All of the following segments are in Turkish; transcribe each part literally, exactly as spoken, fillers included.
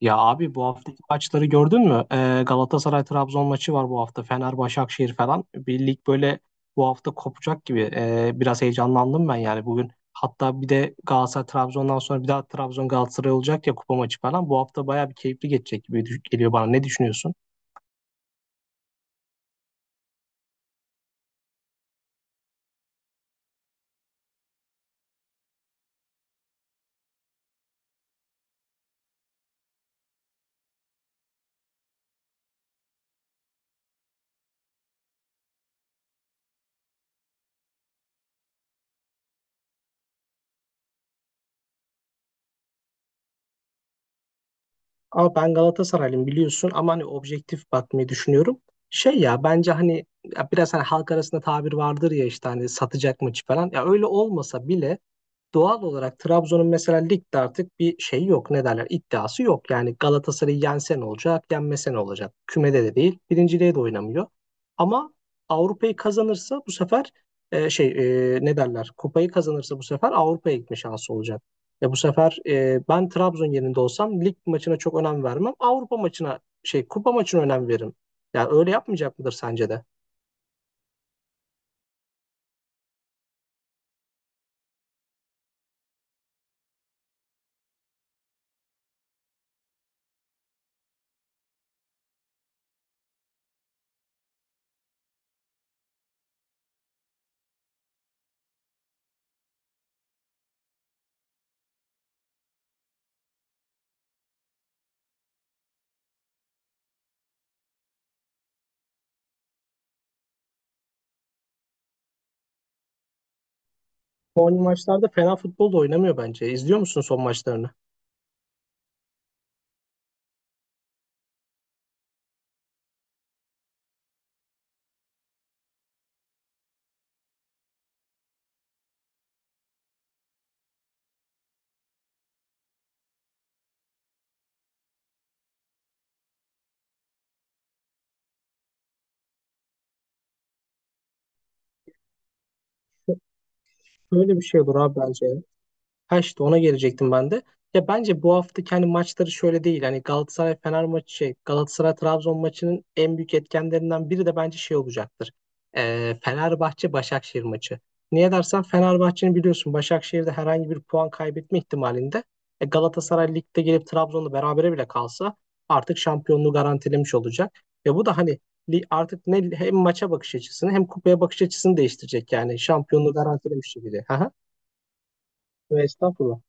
Ya abi bu haftaki maçları gördün mü? Ee, Galatasaray-Trabzon maçı var bu hafta. Fener-Başakşehir falan. Bir lig böyle bu hafta kopacak gibi. Ee, biraz heyecanlandım ben yani bugün. Hatta bir de Galatasaray-Trabzon'dan sonra bir daha Trabzon-Galatasaray olacak ya kupa maçı falan. Bu hafta bayağı bir keyifli geçecek gibi düş- geliyor bana. Ne düşünüyorsun? Ama ben Galatasaraylıyım biliyorsun ama hani objektif bakmayı düşünüyorum. Şey ya bence hani ya biraz hani halk arasında tabir vardır ya işte hani satacak maçı falan. Ya öyle olmasa bile doğal olarak Trabzon'un mesela ligde artık bir şey yok. Ne derler? İddiası yok. Yani Galatasaray'ı yensen olacak, yenmesen olacak. Kümede de değil, birinciliğe de oynamıyor. Ama Avrupa'yı kazanırsa bu sefer e, şey e, ne derler? Kupayı kazanırsa bu sefer Avrupa'ya gitme şansı olacak. Ya bu sefer e, ben Trabzon yerinde olsam lig maçına çok önem vermem. Avrupa maçına şey kupa maçına önem veririm. Yani öyle yapmayacak mıdır sence de? Son maçlarda fena futbol da oynamıyor bence. İzliyor musun son maçlarını? Böyle bir şey olur abi bence. Ha işte ona gelecektim ben de. Ya bence bu hafta kendi maçları şöyle değil. Hani Galatasaray Fener maçı şey Galatasaray Trabzon maçının en büyük etkenlerinden biri de bence şey olacaktır. Ee, Fenerbahçe Başakşehir maçı. Niye dersen Fenerbahçe'nin biliyorsun Başakşehir'de herhangi bir puan kaybetme ihtimalinde e, Galatasaray ligde gelip Trabzon'la berabere bile kalsa artık şampiyonluğu garantilemiş olacak. Ve bu da hani li- artık ne hem maça bakış açısını hem kupaya bakış açısını değiştirecek yani şampiyonluğu garantilemiş gibi. Aha. Ve estağfurullah.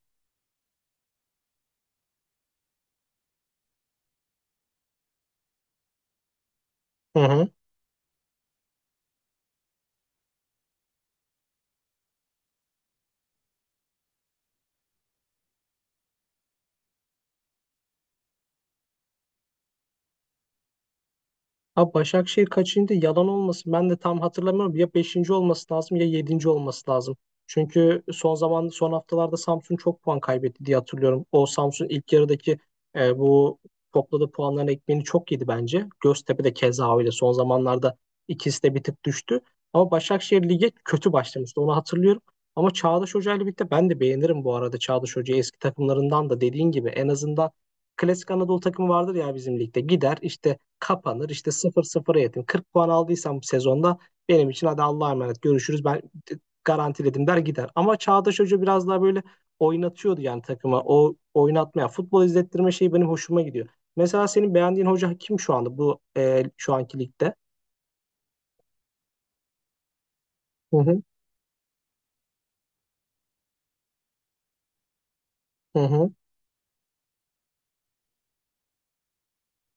Hı hı. Abi Başakşehir kaçıncı? Yalan olmasın. Ben de tam hatırlamıyorum. Ya beşinci olması lazım ya yedinci olması lazım. Çünkü son zaman son haftalarda Samsun çok puan kaybetti diye hatırlıyorum. O Samsun ilk yarıdaki e, bu topladığı puanların ekmeğini çok yedi bence. Göztepe de keza öyle. Son zamanlarda ikisi de bir tık düştü. Ama Başakşehir lige kötü başlamıştı. Onu hatırlıyorum. Ama Çağdaş Hoca ile birlikte ben de beğenirim bu arada Çağdaş Hoca'yı eski takımlarından da dediğin gibi en azından klasik Anadolu takımı vardır ya bizim ligde. Gider işte kapanır. İşte sıfır sıfıra yetin. kırk puan aldıysam bu sezonda benim için hadi Allah'a emanet görüşürüz ben garantiledim der gider. Ama Çağdaş Hoca biraz daha böyle oynatıyordu yani takıma. O oynatmaya, futbol izlettirme şeyi benim hoşuma gidiyor. Mesela senin beğendiğin hoca kim şu anda bu e, şu anki ligde? Hı hı, hı hı.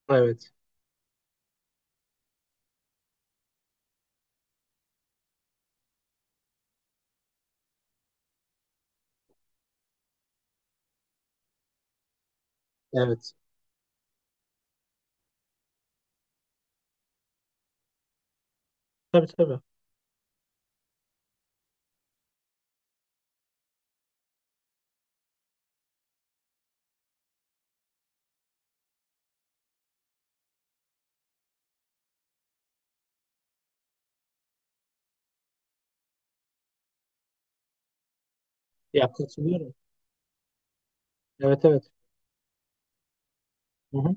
Evet, evet. Tabii tabii. Ya katılıyorum. Evet, evet. Hı hı.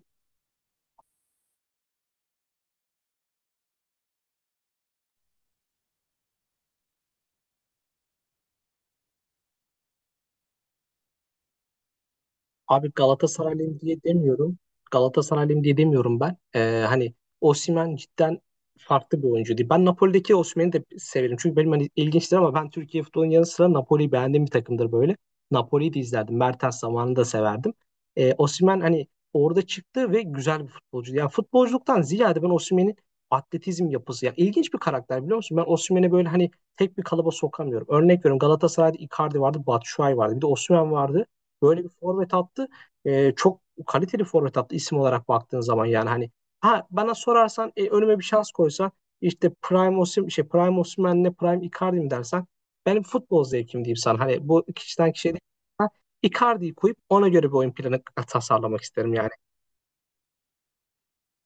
Abi Galatasaraylıyım diye demiyorum. Galatasaraylıyım diye demiyorum ben. Ee, hani Osimhen cidden farklı bir oyuncu değil. Ben Napoli'deki Osimhen'i de severim. Çünkü benim hani ilginçtir ama ben Türkiye futbolunun yanı sıra Napoli'yi beğendiğim bir takımdır böyle. Napoli'yi de izlerdim. Mertens zamanını da severdim. Ee, Osimhen hani orada çıktı ve güzel bir futbolcu. Yani futbolculuktan ziyade ben Osimhen'in atletizm yapısı. Yani ilginç bir karakter biliyor musun? Ben Osimhen'i böyle hani tek bir kalıba sokamıyorum. Örnek veriyorum Galatasaray'da Icardi vardı, Batshuayi vardı. Bir de Osimhen vardı. Böyle bir forvet attı. E, çok kaliteli forvet attı isim olarak baktığın zaman yani hani ha bana sorarsan e, önüme bir şans koysa işte Prime Osim şey Prime Osimhen'le Prime Icardi mi dersen benim futbol zevkim diyeyim sana. Hani bu kişiden kişiye değil. Ben Icardi'yi koyup ona göre bir oyun planı tasarlamak isterim yani.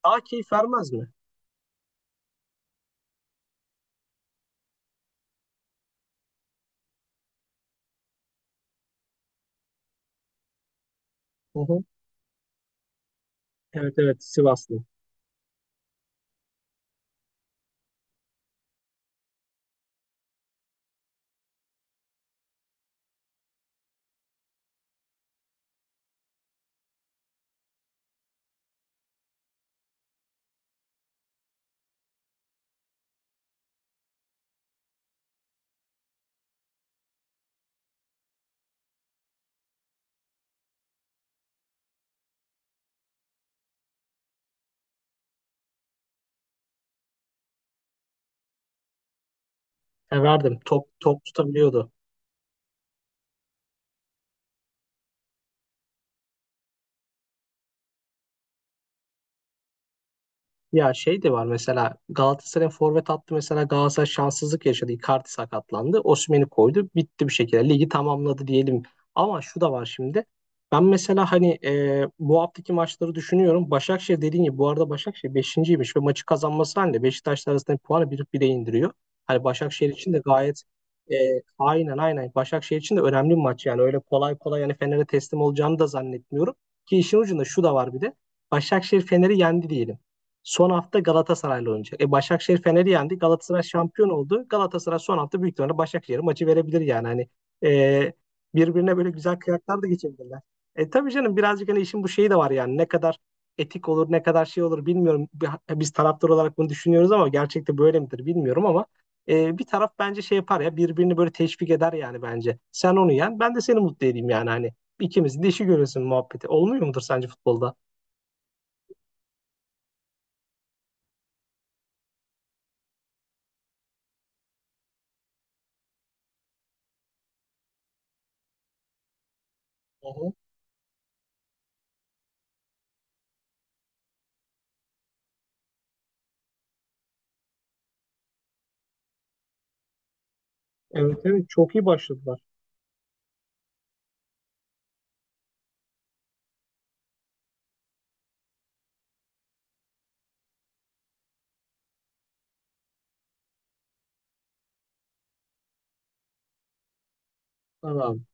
Daha keyif vermez mi? Hı hı. Evet evet Sivaslı. E, verdim. Top top tutabiliyordu. Ya şey de var mesela Galatasaray forvet attı mesela Galatasaray şanssızlık yaşadı. Icardi sakatlandı. Osimhen'i koydu. Bitti bir şekilde. Ligi tamamladı diyelim. Ama şu da var şimdi. Ben mesela hani e, bu haftaki maçları düşünüyorum. Başakşehir dediğin gibi bu arada Başakşehir beşinciymiş ve maçı kazanması halinde Beşiktaş'la arasındaki puanı bir bire indiriyor. Hani Başakşehir için de gayet e, aynen aynen Başakşehir için de önemli bir maç yani öyle kolay kolay yani Fener'e teslim olacağını da zannetmiyorum. Ki işin ucunda şu da var bir de. Başakşehir Fener'i yendi diyelim. Son hafta Galatasaray'la oynayacak. E Başakşehir Fener'i yendi. Galatasaray şampiyon oldu. Galatasaray son hafta büyük ihtimalle Başakşehir'e maçı verebilir yani. Hani e, birbirine böyle güzel kıyaklar da geçebilirler. E tabii canım birazcık hani işin bu şeyi de var yani. Ne kadar etik olur, ne kadar şey olur bilmiyorum. Biz taraftar olarak bunu düşünüyoruz ama gerçekte böyle midir bilmiyorum ama e, bir taraf bence şey yapar ya birbirini böyle teşvik eder yani bence. Sen onu yen, ben de seni mutlu edeyim yani hani. İkimizin de işi görürsün muhabbeti. Olmuyor mudur sence futbolda? Hı hı. Evet evet çok iyi başladılar. Tamam.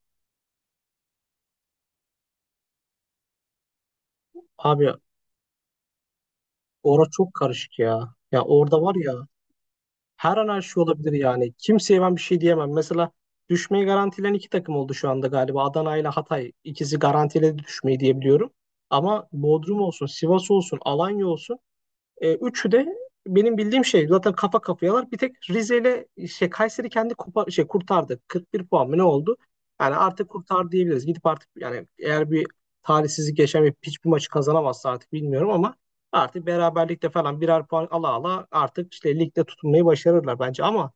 Abi orası çok karışık ya. Ya orada var ya her an her şey olabilir yani. Kimseye ben bir şey diyemem. Mesela düşmeyi garantilen iki takım oldu şu anda galiba. Adana ile Hatay ikisi garantiledi düşmeyi diyebiliyorum. Ama Bodrum olsun, Sivas olsun, Alanya olsun E, üçü de benim bildiğim şey zaten kafa kafayalar. Bir tek Rize ile şey, Kayseri kendi kupa, şey, kurtardı. kırk bir puan mı ne oldu? Yani artık kurtar diyebiliriz. Gidip artık yani eğer bir talihsizlik yaşamayıp hiçbir maçı kazanamazsa artık bilmiyorum ama artık beraberlikte falan birer puan ala ala artık işte ligde tutunmayı başarırlar bence ama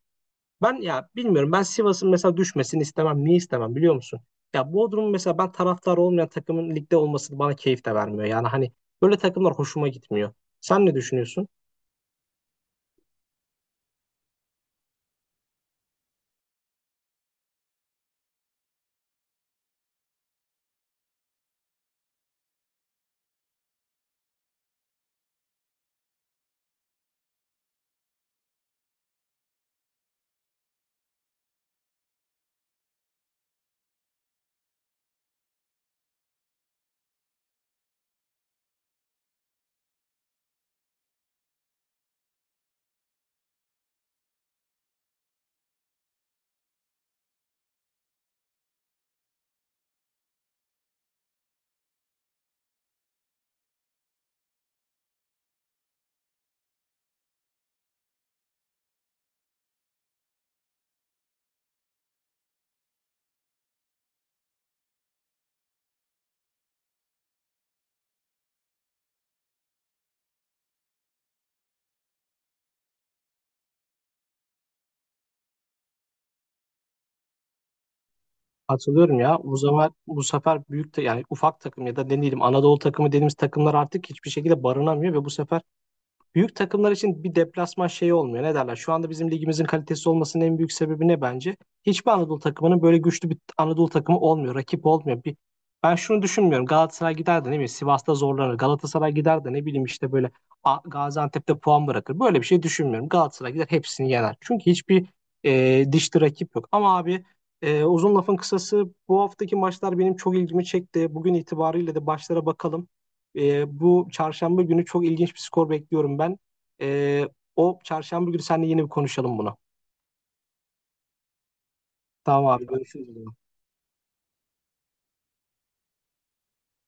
ben ya bilmiyorum. Ben Sivas'ın mesela düşmesini istemem. Niye istemem biliyor musun? Ya Bodrum'un mesela ben taraftar olmayan takımın ligde olması bana keyif de vermiyor. Yani hani böyle takımlar hoşuma gitmiyor. Sen ne düşünüyorsun? Hatırlıyorum ya. Bu zaman bu sefer büyük de yani ufak takım ya da ne diyelim Anadolu takımı dediğimiz takımlar artık hiçbir şekilde barınamıyor ve bu sefer büyük takımlar için bir deplasman şeyi olmuyor. Ne derler? Şu anda bizim ligimizin kalitesi olmasının en büyük sebebi ne bence? Hiçbir Anadolu takımının böyle güçlü bir Anadolu takımı olmuyor. Rakip olmuyor. Bir, ben şunu düşünmüyorum. Galatasaray gider de ne bileyim Sivas'ta zorlanır. Galatasaray gider de ne bileyim işte böyle A- Gaziantep'te puan bırakır. Böyle bir şey düşünmüyorum. Galatasaray gider hepsini yener. Çünkü hiçbir e, dişli rakip yok. Ama abi e, uzun lafın kısası bu haftaki maçlar benim çok ilgimi çekti. Bugün itibariyle de başlara bakalım. E, bu çarşamba günü çok ilginç bir skor bekliyorum ben. E, o çarşamba günü seninle yeni bir konuşalım bunu. Tamam abi. Görüşürüz.